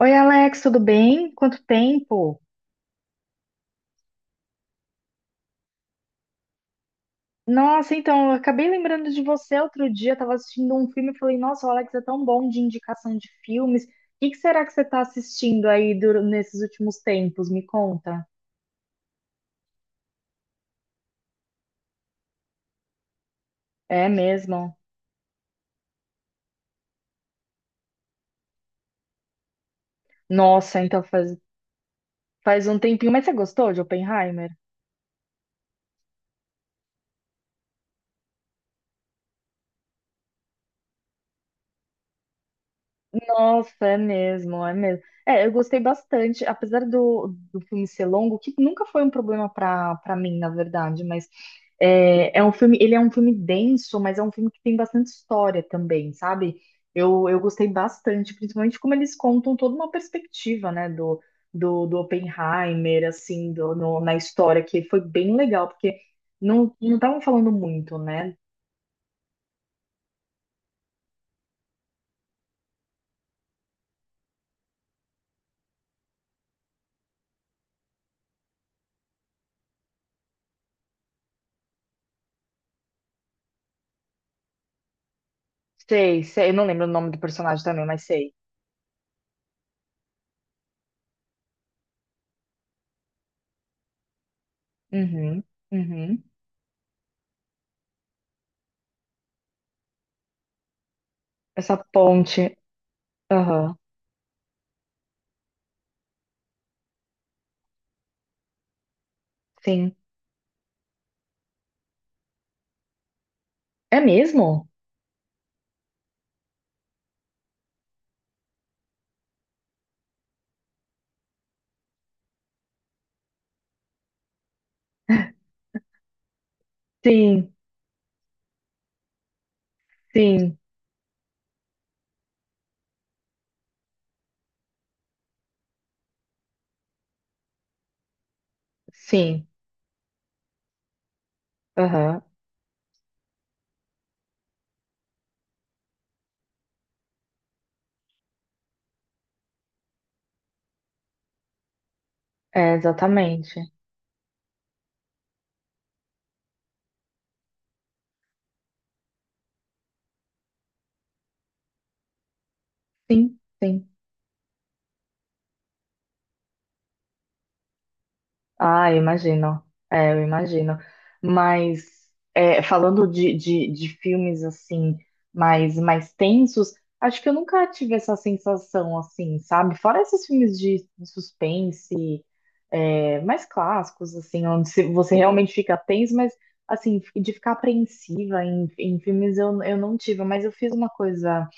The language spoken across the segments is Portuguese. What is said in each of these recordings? Oi, Alex, tudo bem? Quanto tempo? Nossa, então, eu acabei lembrando de você outro dia. Eu tava assistindo um filme e falei, nossa, o Alex é tão bom de indicação de filmes. O que que será que você está assistindo nesses últimos tempos? Me conta. É mesmo? Nossa, então faz um tempinho. Mas você gostou de Oppenheimer? Nossa, é mesmo, é mesmo. É, eu gostei bastante, apesar do filme ser longo, que nunca foi um problema para mim, na verdade, mas é um filme, ele é um filme denso, mas é um filme que tem bastante história também, sabe? Eu gostei bastante, principalmente como eles contam toda uma perspectiva, né, do Oppenheimer, assim, do, no- na história, que foi bem legal, porque não estavam falando muito, né? Sei, sei, eu não lembro o nome do personagem também, mas sei. Uhum, uhum. Essa ponte. Aham. Sim. É mesmo? Sim, sim, sim. Aham. É, exatamente. Sim, sim. Ah, eu imagino. É, eu imagino. Mas falando de filmes assim mais tensos, acho que eu nunca tive essa sensação assim, sabe? Fora esses filmes de suspense, mais clássicos, assim, onde se- você realmente fica tenso, mas assim, de ficar apreensiva em filmes eu não tive, mas eu fiz uma coisa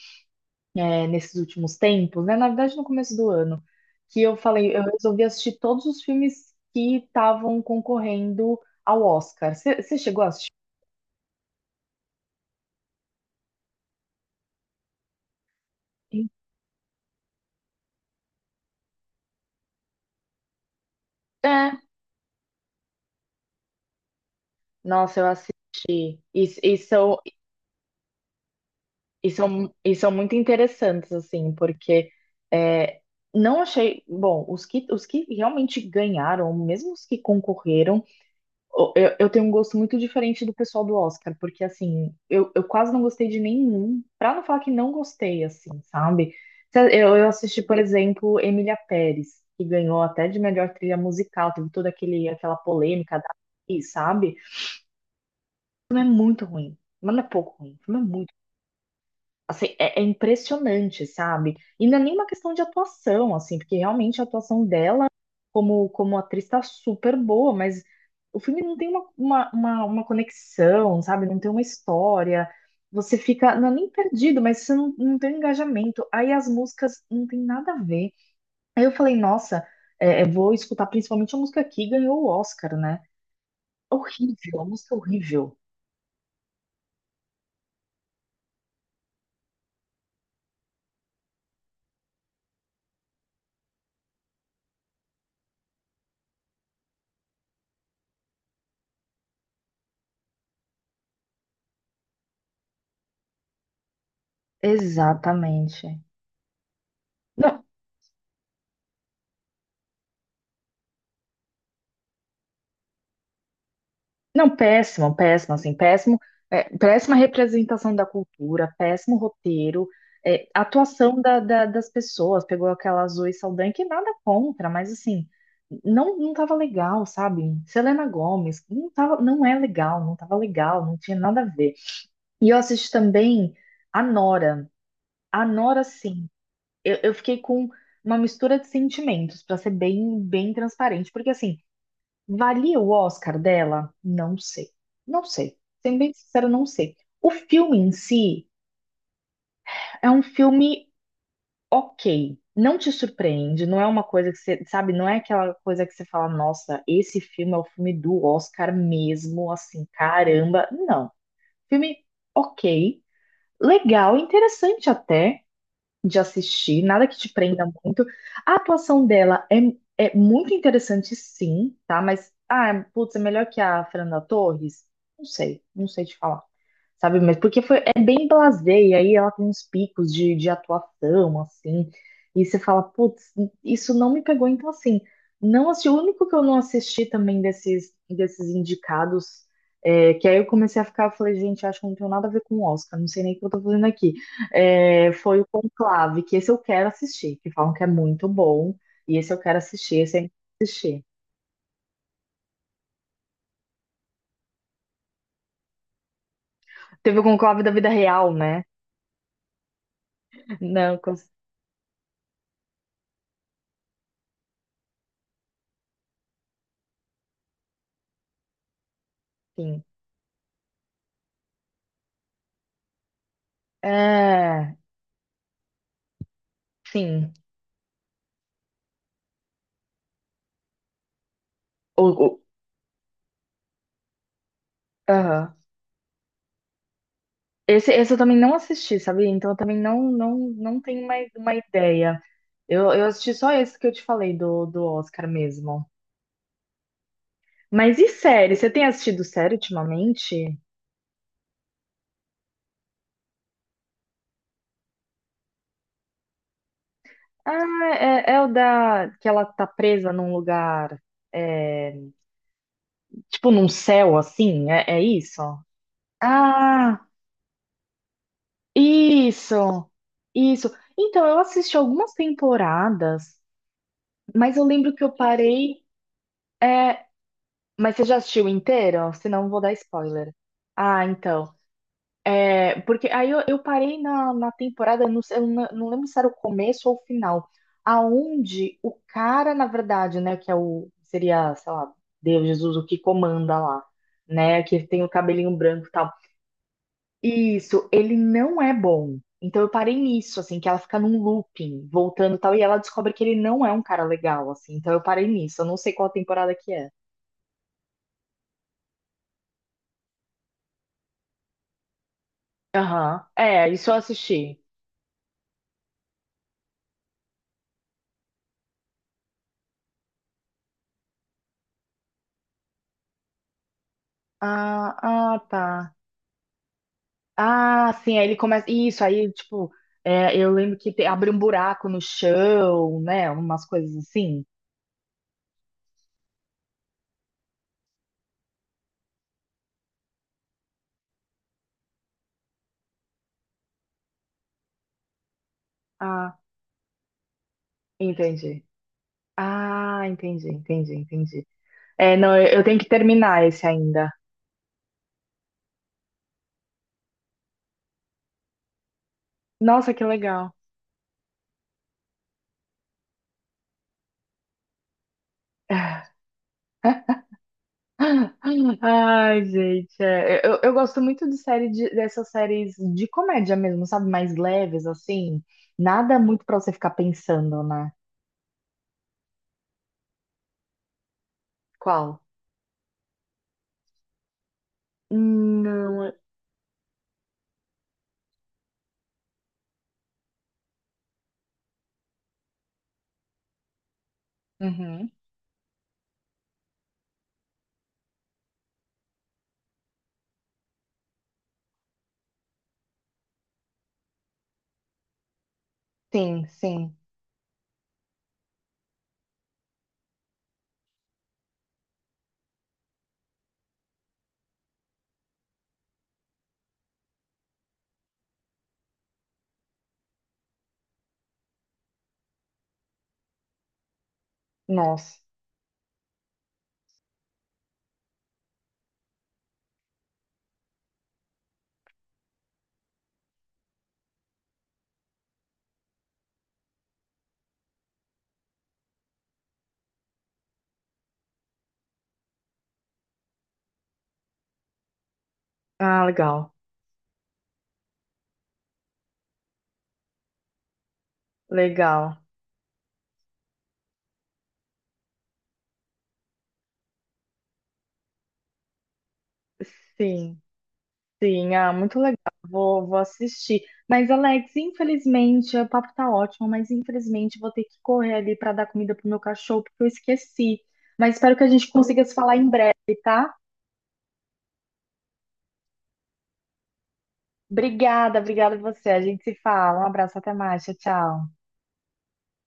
nesses últimos tempos, né? Na verdade, no começo do ano, que eu falei, eu resolvi assistir todos os filmes que estavam concorrendo ao Oscar. Você chegou a assistir? É, nossa, eu assisti. E, e, são, e são muito interessantes, assim, porque é, não achei. Bom, os que realmente ganharam, mesmo os que concorreram. Eu tenho um gosto muito diferente do pessoal do Oscar, porque assim, eu quase não gostei de nenhum, pra não falar que não gostei, assim, sabe? Eu assisti, por exemplo, Emília Pérez, que ganhou até de melhor trilha musical, teve aquela polêmica da atriz, sabe? O filme é muito ruim, mas não é pouco ruim, o filme é muito. Assim, é impressionante, sabe? E não é nenhuma questão de atuação, assim, porque realmente a atuação dela como atriz tá super boa, mas o filme não tem uma conexão, sabe? Não tem uma história. Você fica, não é nem perdido, mas você não, não tem um engajamento. Aí as músicas não tem nada a ver. Aí eu falei, nossa, vou escutar principalmente a música que ganhou o Oscar, né? Horrível, a música horrível. Exatamente. Não, não, péssimo, péssimo, assim, péssimo, péssima representação da cultura, péssimo roteiro, atuação das pessoas, pegou aquela Zoe Saldanha, que nada contra, mas assim, não tava legal, sabe? Selena Gomez, não tava, não é legal, não tava legal, não tinha nada a ver. E eu assisti também a Nora, a Nora, sim, eu fiquei com uma mistura de sentimentos, pra ser bem, bem transparente, porque assim, valia o Oscar dela? Não sei. Não sei. Sendo bem sincero, não sei. O filme em si é um filme ok. Não te surpreende, não é uma coisa que você, sabe, não é aquela coisa que você fala, nossa, esse filme é o filme do Oscar mesmo, assim, caramba. Não. Filme ok, legal, interessante até de assistir, nada que te prenda muito. A atuação dela é muito interessante, sim, tá? Mas, ah, putz, é melhor que a Fernanda Torres? Não sei, não sei te falar. Sabe, mas porque foi, é bem blasé, e aí ela tem uns picos de atuação, assim, e você fala, putz, isso não me pegou, então assim, não assisti, o único que eu não assisti também desses indicados, que aí eu comecei a ficar, eu falei, gente, acho que não tem nada a ver com o Oscar, não sei nem o que eu tô fazendo aqui. É, foi o Conclave, que esse eu quero assistir, que falam que é muito bom, e esse eu quero assistir, esse eu ainda não assisti. Teve o Conclave da vida real, né? Não, cons- sim. É, sim. O, o- aham. Esse eu também não assisti, sabe? Então eu também não tenho mais uma ideia. Eu assisti só esse que eu te falei do Oscar mesmo. Mas e série? Você tem assistido série ultimamente? Ah, é, é o da que ela tá presa num lugar. É, tipo num céu assim, é, é isso? Ah, isso, isso. Então, eu assisti algumas temporadas, mas eu lembro que eu parei. É, mas você já assistiu inteiro? Senão eu vou dar spoiler. Ah, então. É, porque aí eu parei na temporada, não, sei- eu não não lembro se era o começo ou o final, aonde o cara, na verdade, né, que é o, seria, sei lá, Deus, Jesus, o que comanda lá, né, que tem o cabelinho branco e tal. Isso, ele não é bom. Então eu parei nisso, assim, que ela fica num looping, voltando e tal, e ela descobre que ele não é um cara legal, assim. Então eu parei nisso, eu não sei qual temporada que é. Aham. É, isso eu assisti. Ah, ah, tá. Ah, sim, aí ele começa. Isso, aí, tipo, é, eu lembro que te- abre um buraco no chão, né? Umas coisas assim. Ah, entendi. Ah, entendi, entendi, entendi. É, não, eu tenho que terminar esse ainda. Nossa, que legal. Ai, gente, é, eu gosto muito de dessas séries de comédia mesmo, sabe? Mais leves, assim. Nada muito pra você ficar pensando, né? Qual? Não, é. Uhum. Sim, sim. Nossa. Ah, legal. Legal. Sim, sim. Ah, muito legal. Vou, vou assistir. Mas, Alex, infelizmente, o papo tá ótimo, mas infelizmente vou ter que correr ali pra dar comida pro meu cachorro, porque eu esqueci. Mas espero que a gente consiga se falar em breve, tá? Obrigada, obrigada a você. A gente se fala. Um abraço, até mais. Tchau, tchau.